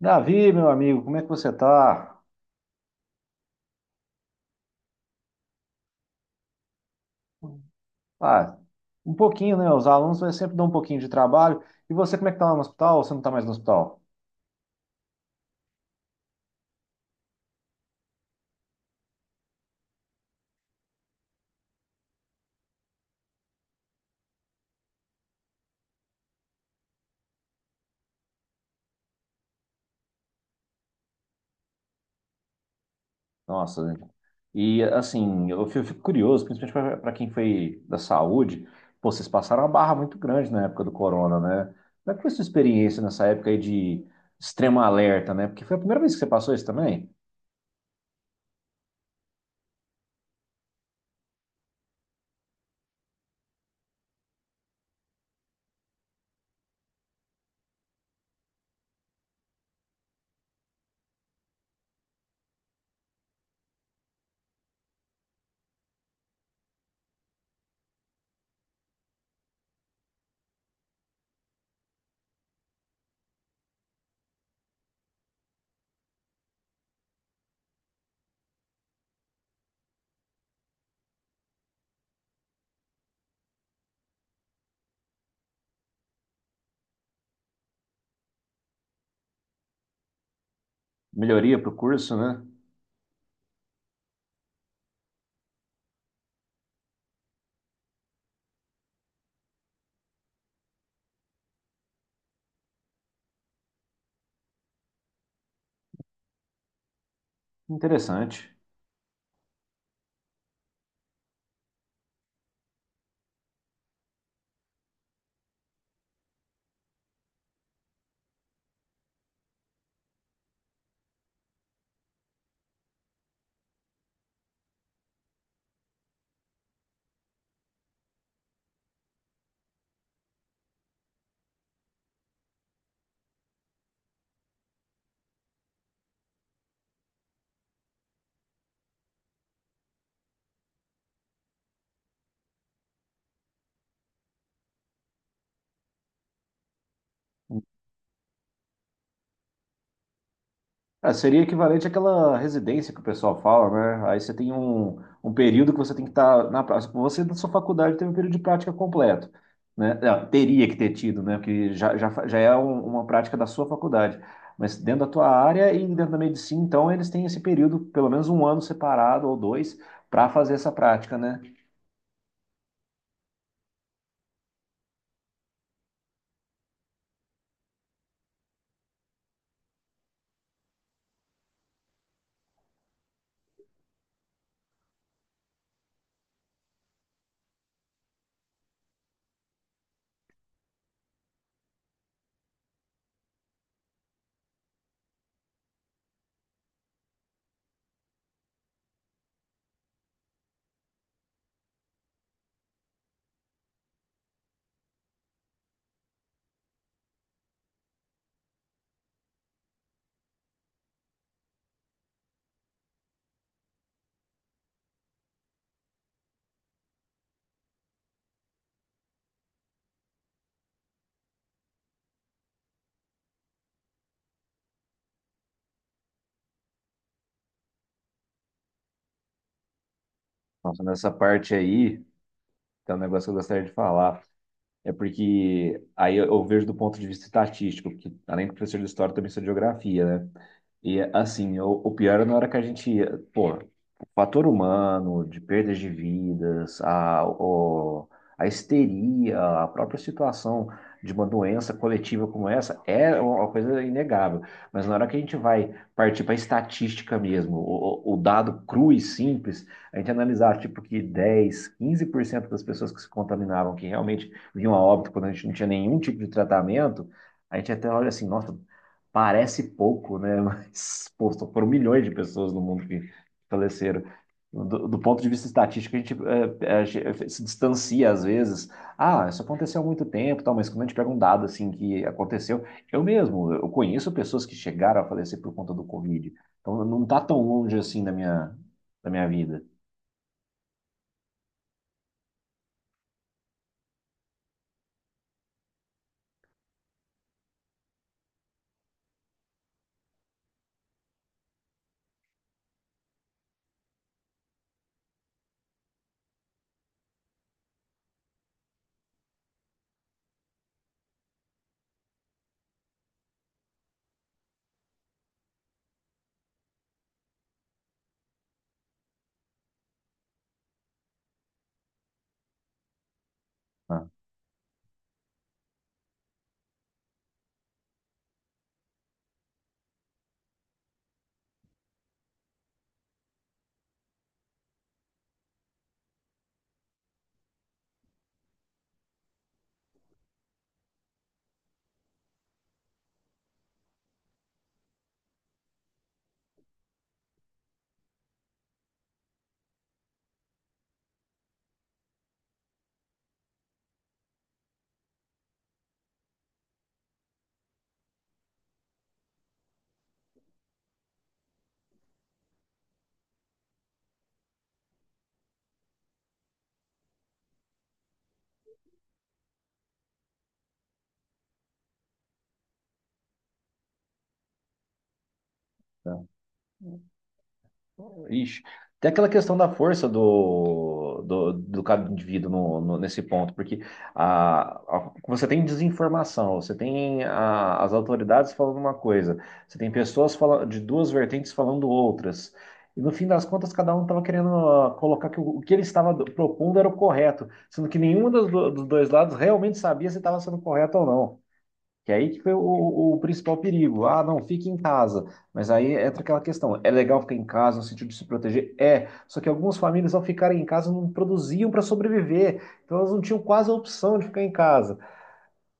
Davi, meu amigo, como é que você está? Ah, um pouquinho, né? Os alunos vai sempre dar um pouquinho de trabalho. E você, como é que está lá no hospital? Ou você não está mais no hospital? Nossa, gente. E assim, eu fico curioso, principalmente para quem foi da saúde, pô, vocês passaram uma barra muito grande na época do corona, né? Como é que foi sua experiência nessa época aí de extremo alerta, né? Porque foi a primeira vez que você passou isso também? Melhoria para o curso, né? Interessante. Ah, seria equivalente àquela residência que o pessoal fala, né? Aí você tem um período que você tem que estar na prática. Você, na sua faculdade, teve um período de prática completo, né? Ah, teria que ter tido, né? Porque já é uma prática da sua faculdade. Mas dentro da tua área e dentro da medicina, então, eles têm esse período, pelo menos um ano separado ou dois, para fazer essa prática, né? Nossa, nessa parte aí, tem um negócio que eu gostaria de falar. É porque aí eu vejo do ponto de vista estatístico, porque além de professor de história, eu também sou de geografia, né? E assim, o pior na hora que a gente ia, pô, o fator humano, de perdas de vidas, a histeria, a própria situação de uma doença coletiva como essa é uma coisa inegável. Mas na hora que a gente vai partir para a estatística mesmo, o dado cru e simples, a gente analisar tipo que 10 15% das pessoas que se contaminavam, que realmente vinham a óbito quando a gente não tinha nenhum tipo de tratamento, a gente até olha assim, nossa, parece pouco, né? Mas, pô, só foram milhões de pessoas no mundo que faleceram. Do ponto de vista estatístico, a gente se distancia às vezes. Ah, isso aconteceu há muito tempo, tal, mas quando a gente pega um dado assim que aconteceu, eu mesmo, eu conheço pessoas que chegaram a falecer por conta do Covid. Então não tá tão longe assim da minha vida. Né? Então, ixi. Tem aquela questão da força do cada indivíduo nesse ponto, porque você tem desinformação, você tem as autoridades falando uma coisa, você tem pessoas de duas vertentes falando outras. E no fim das contas, cada um estava querendo colocar que o que ele estava propondo era o correto, sendo que nenhum dos dois lados realmente sabia se estava sendo correto ou não. Que foi o principal perigo. Ah, não, fique em casa. Mas aí entra aquela questão. É legal ficar em casa no sentido de se proteger? É. Só que algumas famílias, ao ficarem em casa, não produziam para sobreviver. Então, elas não tinham quase a opção de ficar em casa.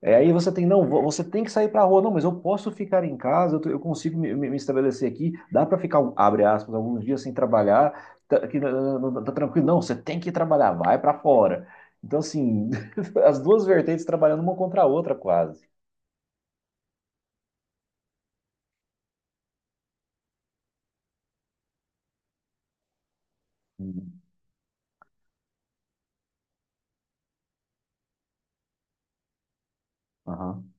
É, aí você tem, não, você tem que sair para a rua. Não, mas eu posso ficar em casa, eu consigo me estabelecer aqui. Dá para ficar, abre aspas, alguns dias sem trabalhar. Tá, que, tá tranquilo. Não, você tem que trabalhar, vai para fora. Então, assim, as duas vertentes trabalhando uma contra a outra, quase. Uhum.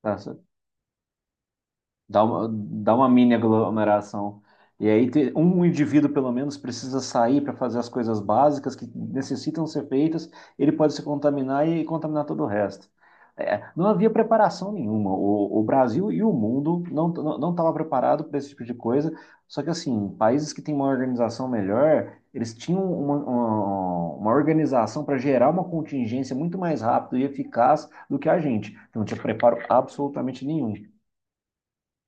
Tá, só Dá uma mini aglomeração. E aí um indivíduo, pelo menos, precisa sair para fazer as coisas básicas que necessitam ser feitas, ele pode se contaminar e contaminar todo o resto. É, não havia preparação nenhuma. O Brasil e o mundo não estava preparado para esse tipo de coisa. Só que, assim, países que têm uma organização melhor, eles tinham uma organização para gerar uma contingência muito mais rápido e eficaz do que a gente, que não tinha preparo absolutamente nenhum.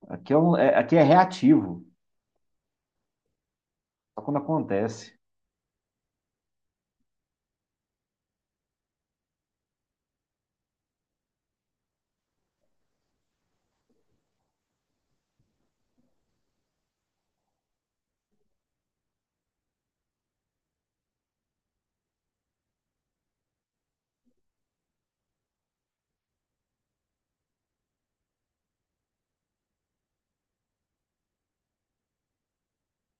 Aqui é reativo, só quando acontece.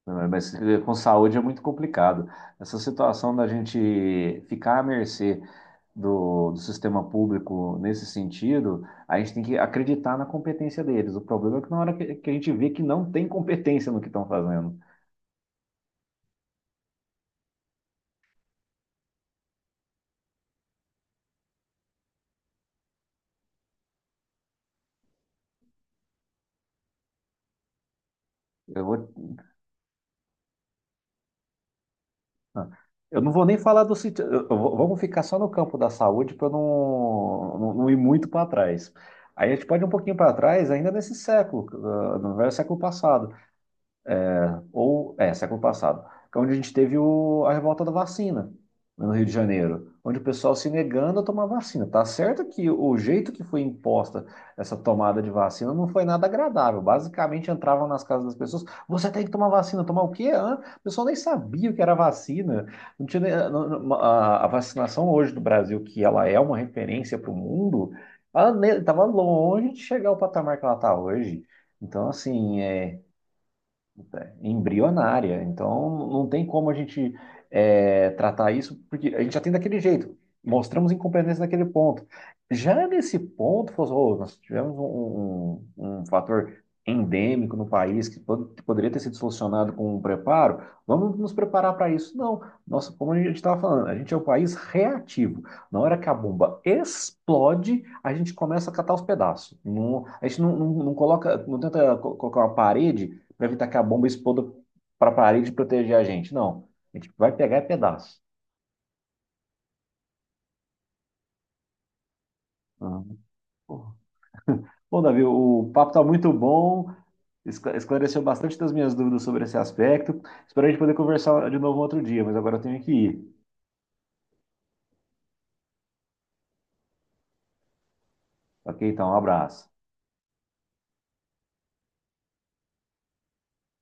Né? Mas eh, com saúde é muito complicado. Essa situação da gente ficar à mercê do sistema público nesse sentido, a gente tem que acreditar na competência deles. O problema é que na hora que a gente vê que não tem competência no que estão fazendo. Eu vou, ah, eu não vou nem falar do sítio. Vamos ficar só no campo da saúde para não ir muito para trás. Aí a gente pode ir um pouquinho para trás, ainda nesse século, no velho século passado. Ou é, século passado, que é onde a gente teve a revolta da vacina, né, no Rio de Janeiro, onde o pessoal se negando a tomar vacina. Tá certo que o jeito que foi imposta essa tomada de vacina não foi nada agradável. Basicamente entravam nas casas das pessoas, você tem que tomar vacina, tomar o quê? Hã? O pessoal nem sabia o que era vacina. Não tinha, nem- não- não- a vacinação hoje do Brasil, que ela é uma referência para o mundo, ela estava longe de chegar ao patamar que ela está hoje. Então, assim, é, embrionária. Então, não tem como a gente tratar isso, porque a gente já tem daquele jeito. Mostramos incompetência naquele ponto. Já nesse ponto, falou: "Oh, nós tivemos um fator endêmico no país que que poderia ter sido solucionado com um preparo, vamos nos preparar para isso." Não, nossa, como a gente estava falando, a gente é um país reativo. Na hora que a bomba explode, a gente começa a catar os pedaços. A gente não coloca, não tenta colocar uma parede, vai evitar que a bomba exploda para a parede e proteger a gente. Não. A gente vai pegar pedaço. Ah, porra. Bom, Davi, o papo está muito bom. Esclareceu bastante das minhas dúvidas sobre esse aspecto. Espero a gente poder conversar de novo um outro dia, mas agora eu tenho que ir. Ok, então, um abraço.